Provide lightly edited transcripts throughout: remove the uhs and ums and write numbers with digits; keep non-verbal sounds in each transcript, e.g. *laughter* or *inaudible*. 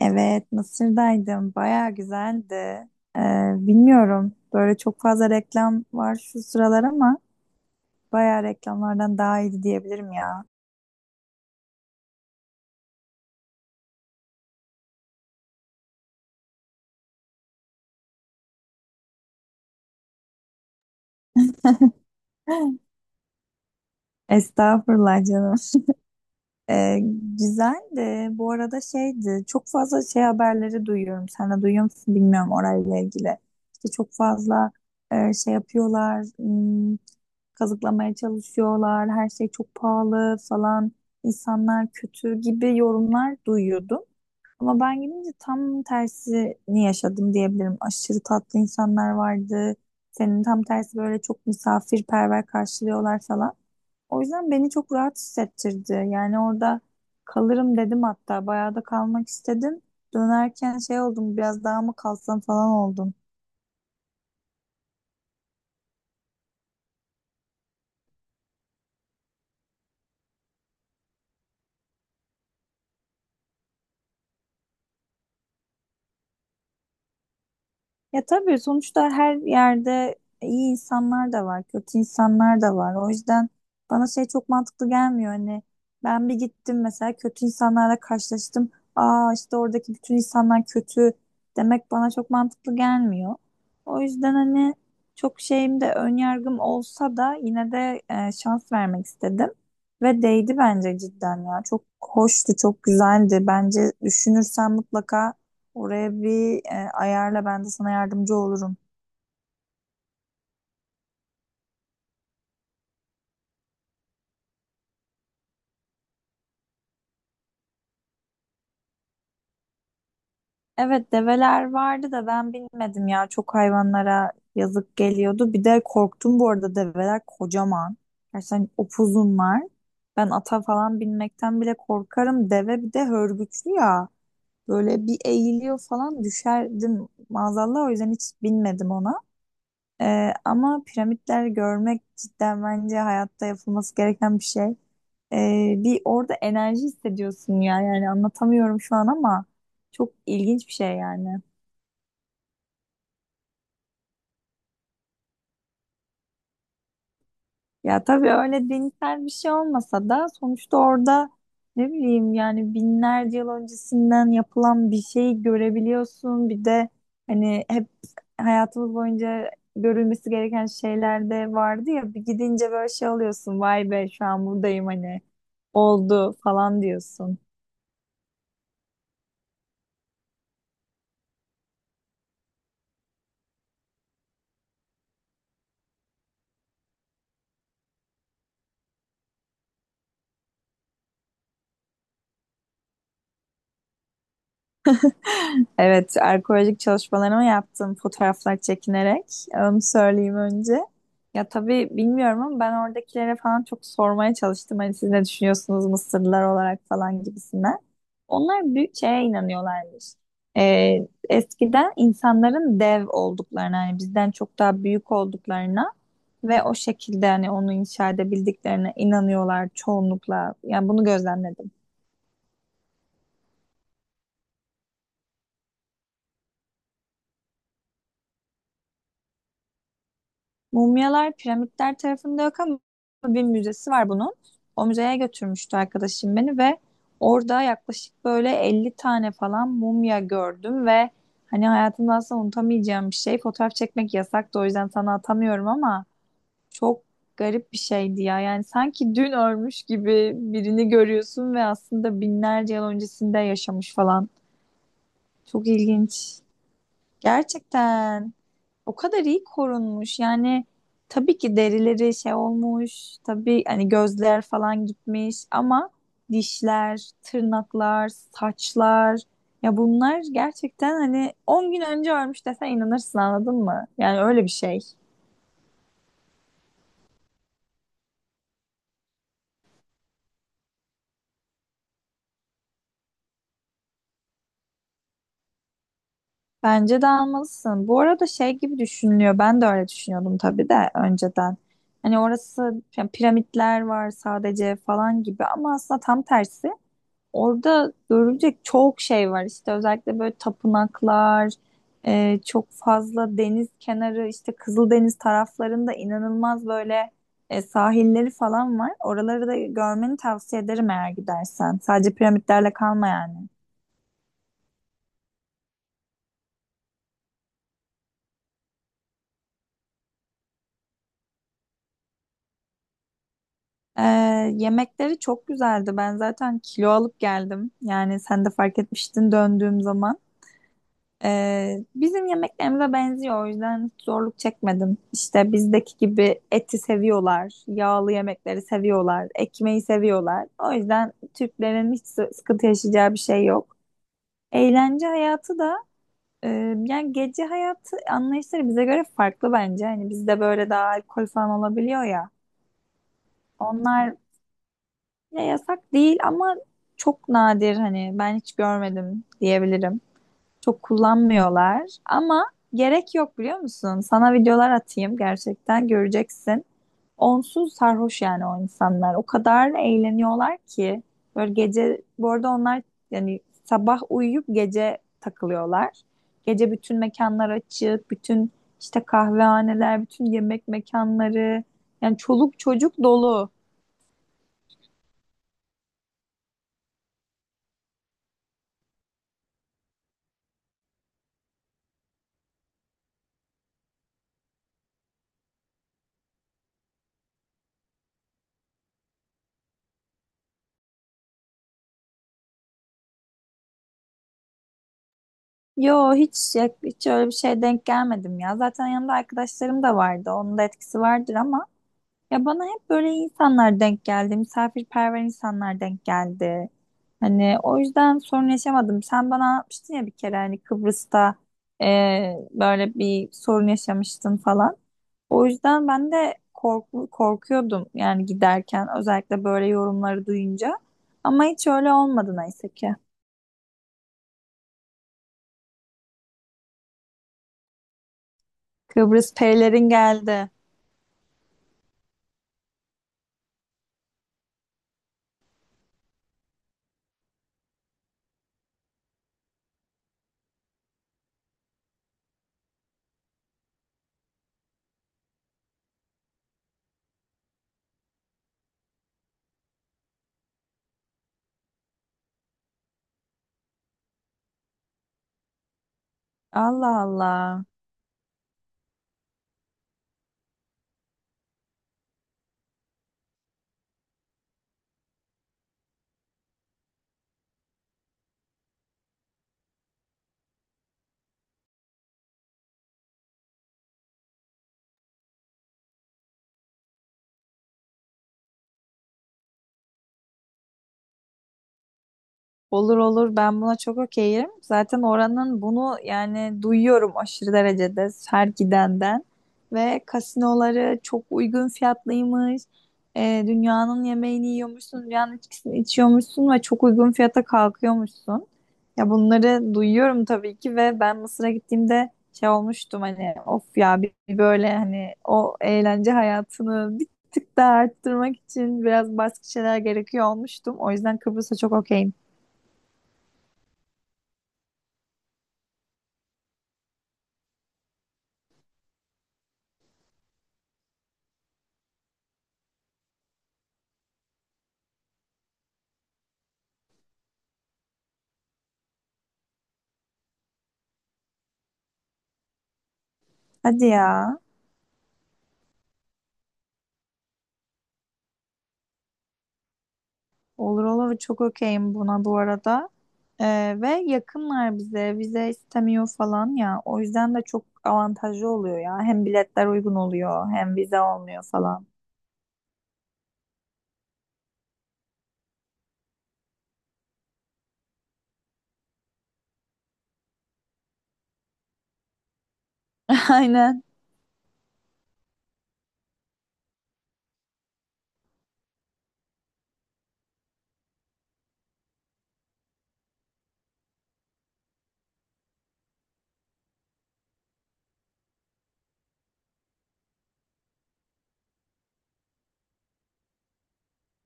Evet, Mısır'daydım. Bayağı güzeldi. Ee, bilmiyorum. Böyle çok fazla reklam var şu sıralar ama bayağı reklamlardan daha iyiydi diyebilirim ya. *laughs* Estağfurullah canım. Ee, güzeldi. Bu arada şeydi. Çok fazla şey haberleri duyuyorum. Sen de duyuyor musun bilmiyorum orayla ilgili. İşte çok fazla şey yapıyorlar. Kazıklamaya çalışıyorlar. Her şey çok pahalı falan. İnsanlar kötü gibi yorumlar duyuyordum. Ama ben gidince tam tersini yaşadım diyebilirim. Aşırı tatlı insanlar vardı. Senin tam tersi böyle çok misafirperver karşılıyorlar falan. O yüzden beni çok rahat hissettirdi. Yani orada kalırım dedim hatta. Bayağı da kalmak istedim. Dönerken şey oldum biraz daha mı kalsam falan oldum. Ya tabii sonuçta her yerde iyi insanlar da var, kötü insanlar da var. O yüzden bana şey çok mantıklı gelmiyor. Hani ben bir gittim mesela kötü insanlarla karşılaştım. Aa işte oradaki bütün insanlar kötü demek bana çok mantıklı gelmiyor. O yüzden hani çok şeyim de ön yargım olsa da yine de şans vermek istedim. Ve değdi bence cidden ya. Çok hoştu, çok güzeldi. Bence düşünürsen mutlaka oraya bir ayarla, ben de sana yardımcı olurum. Evet, develer vardı da ben bilmedim ya, çok hayvanlara yazık geliyordu. Bir de korktum bu arada, develer kocaman. Gerçekten upuzunlar. Ben ata falan binmekten bile korkarım. Deve bir de hörgüçlü ya. Böyle bir eğiliyor falan, düşerdim maazallah, o yüzden hiç binmedim ona. E, ama piramitler görmek cidden bence hayatta yapılması gereken bir şey. Bir orada enerji hissediyorsun ya, yani anlatamıyorum şu an ama çok ilginç bir şey yani. Ya tabii öyle dinsel bir şey olmasa da sonuçta orada ne bileyim yani binlerce yıl öncesinden yapılan bir şeyi görebiliyorsun. Bir de hani hep hayatımız boyunca görülmesi gereken şeyler de vardı ya, bir gidince böyle şey oluyorsun, vay be şu an buradayım hani, oldu falan diyorsun. Evet, arkeolojik çalışmalarımı yaptım fotoğraflar çekinerek. Onu söyleyeyim önce. Ya tabii bilmiyorum ama ben oradakilere falan çok sormaya çalıştım. Hani siz ne düşünüyorsunuz Mısırlılar olarak falan gibisinden. Onlar büyük şeye inanıyorlarmış. Eskiden insanların dev olduklarına, hani bizden çok daha büyük olduklarına ve o şekilde hani onu inşa edebildiklerine inanıyorlar çoğunlukla. Yani bunu gözlemledim. Mumyalar piramitler tarafında yok ama bir müzesi var bunun. O müzeye götürmüştü arkadaşım beni ve orada yaklaşık böyle 50 tane falan mumya gördüm ve hani hayatımda asla unutamayacağım bir şey. Fotoğraf çekmek yasaktı, o yüzden sana atamıyorum ama çok garip bir şeydi ya. Yani sanki dün ölmüş gibi birini görüyorsun ve aslında binlerce yıl öncesinde yaşamış falan. Çok ilginç. Gerçekten o kadar iyi korunmuş. Yani tabii ki derileri şey olmuş. Tabii hani gözler falan gitmiş ama dişler, tırnaklar, saçlar, ya bunlar gerçekten hani 10 gün önce ölmüş desen inanırsın, anladın mı? Yani öyle bir şey. Bence de almalısın. Bu arada şey gibi düşünülüyor. Ben de öyle düşünüyordum tabii de önceden. Hani orası yani piramitler var sadece falan gibi ama aslında tam tersi. Orada görülecek çok şey var işte, özellikle böyle tapınaklar, çok fazla deniz kenarı, işte Kızıldeniz taraflarında inanılmaz böyle sahilleri falan var. Oraları da görmeni tavsiye ederim eğer gidersen. Sadece piramitlerle kalma yani. E, yemekleri çok güzeldi. Ben zaten kilo alıp geldim. Yani sen de fark etmiştin döndüğüm zaman. Bizim yemeklerimize benziyor, o yüzden hiç zorluk çekmedim. İşte bizdeki gibi eti seviyorlar, yağlı yemekleri seviyorlar, ekmeği seviyorlar. O yüzden Türklerin hiç sıkıntı yaşayacağı bir şey yok. Eğlence hayatı da e, yani gece hayatı anlayışları bize göre farklı bence. Hani bizde böyle daha alkol falan olabiliyor ya. Onlar ya yasak değil ama çok nadir, hani ben hiç görmedim diyebilirim. Çok kullanmıyorlar ama gerek yok, biliyor musun? Sana videolar atayım, gerçekten göreceksin. Onsuz sarhoş yani o insanlar. O kadar eğleniyorlar ki böyle gece, bu arada onlar yani sabah uyuyup gece takılıyorlar. Gece bütün mekanlar açık, bütün işte kahvehaneler, bütün yemek mekanları, yani çoluk çocuk dolu. Yo, hiç hiç öyle bir şeye denk gelmedim ya. Zaten yanımda arkadaşlarım da vardı. Onun da etkisi vardır ama ya bana hep böyle insanlar denk geldi, misafirperver insanlar denk geldi. Hani o yüzden sorun yaşamadım. Sen bana anlatmıştın ya bir kere hani Kıbrıs'ta e, böyle bir sorun yaşamıştın falan. O yüzden ben de korkuyordum yani giderken, özellikle böyle yorumları duyunca. Ama hiç öyle olmadı neyse ki. Kıbrıs perilerin geldi. Allah Allah. Olur olur, ben buna çok okeyim. Zaten oranın bunu yani duyuyorum aşırı derecede her gidenden. Ve kasinoları çok uygun fiyatlıymış. Dünyanın yemeğini yiyormuşsun, dünyanın içkisini içiyormuşsun ve çok uygun fiyata kalkıyormuşsun. Ya bunları duyuyorum tabii ki ve ben Mısır'a gittiğimde şey olmuştum, hani of ya, bir böyle hani o eğlence hayatını bir tık daha arttırmak için biraz başka şeyler gerekiyor olmuştum. O yüzden Kıbrıs'a çok okeyim. Hadi ya. Olur olur, çok okeyim buna bu arada. Ve yakınlar bize vize istemiyor falan ya. O yüzden de çok avantajlı oluyor ya. Hem biletler uygun oluyor hem vize olmuyor falan. *laughs* Aynen.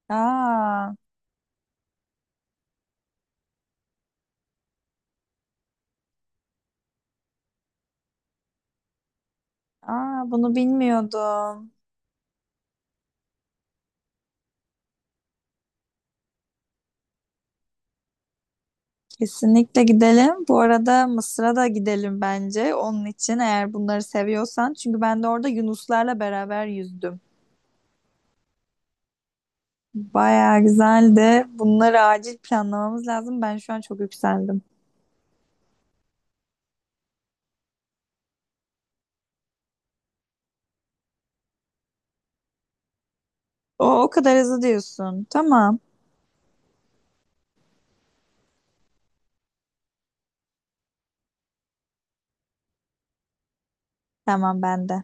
Aa, aa bunu bilmiyordum. Kesinlikle gidelim. Bu arada Mısır'a da gidelim bence. Onun için eğer bunları seviyorsan. Çünkü ben de orada yunuslarla beraber yüzdüm. Bayağı güzeldi. Bunları acil planlamamız lazım. Ben şu an çok yükseldim. O kadar hızlı diyorsun. Tamam. Tamam bende.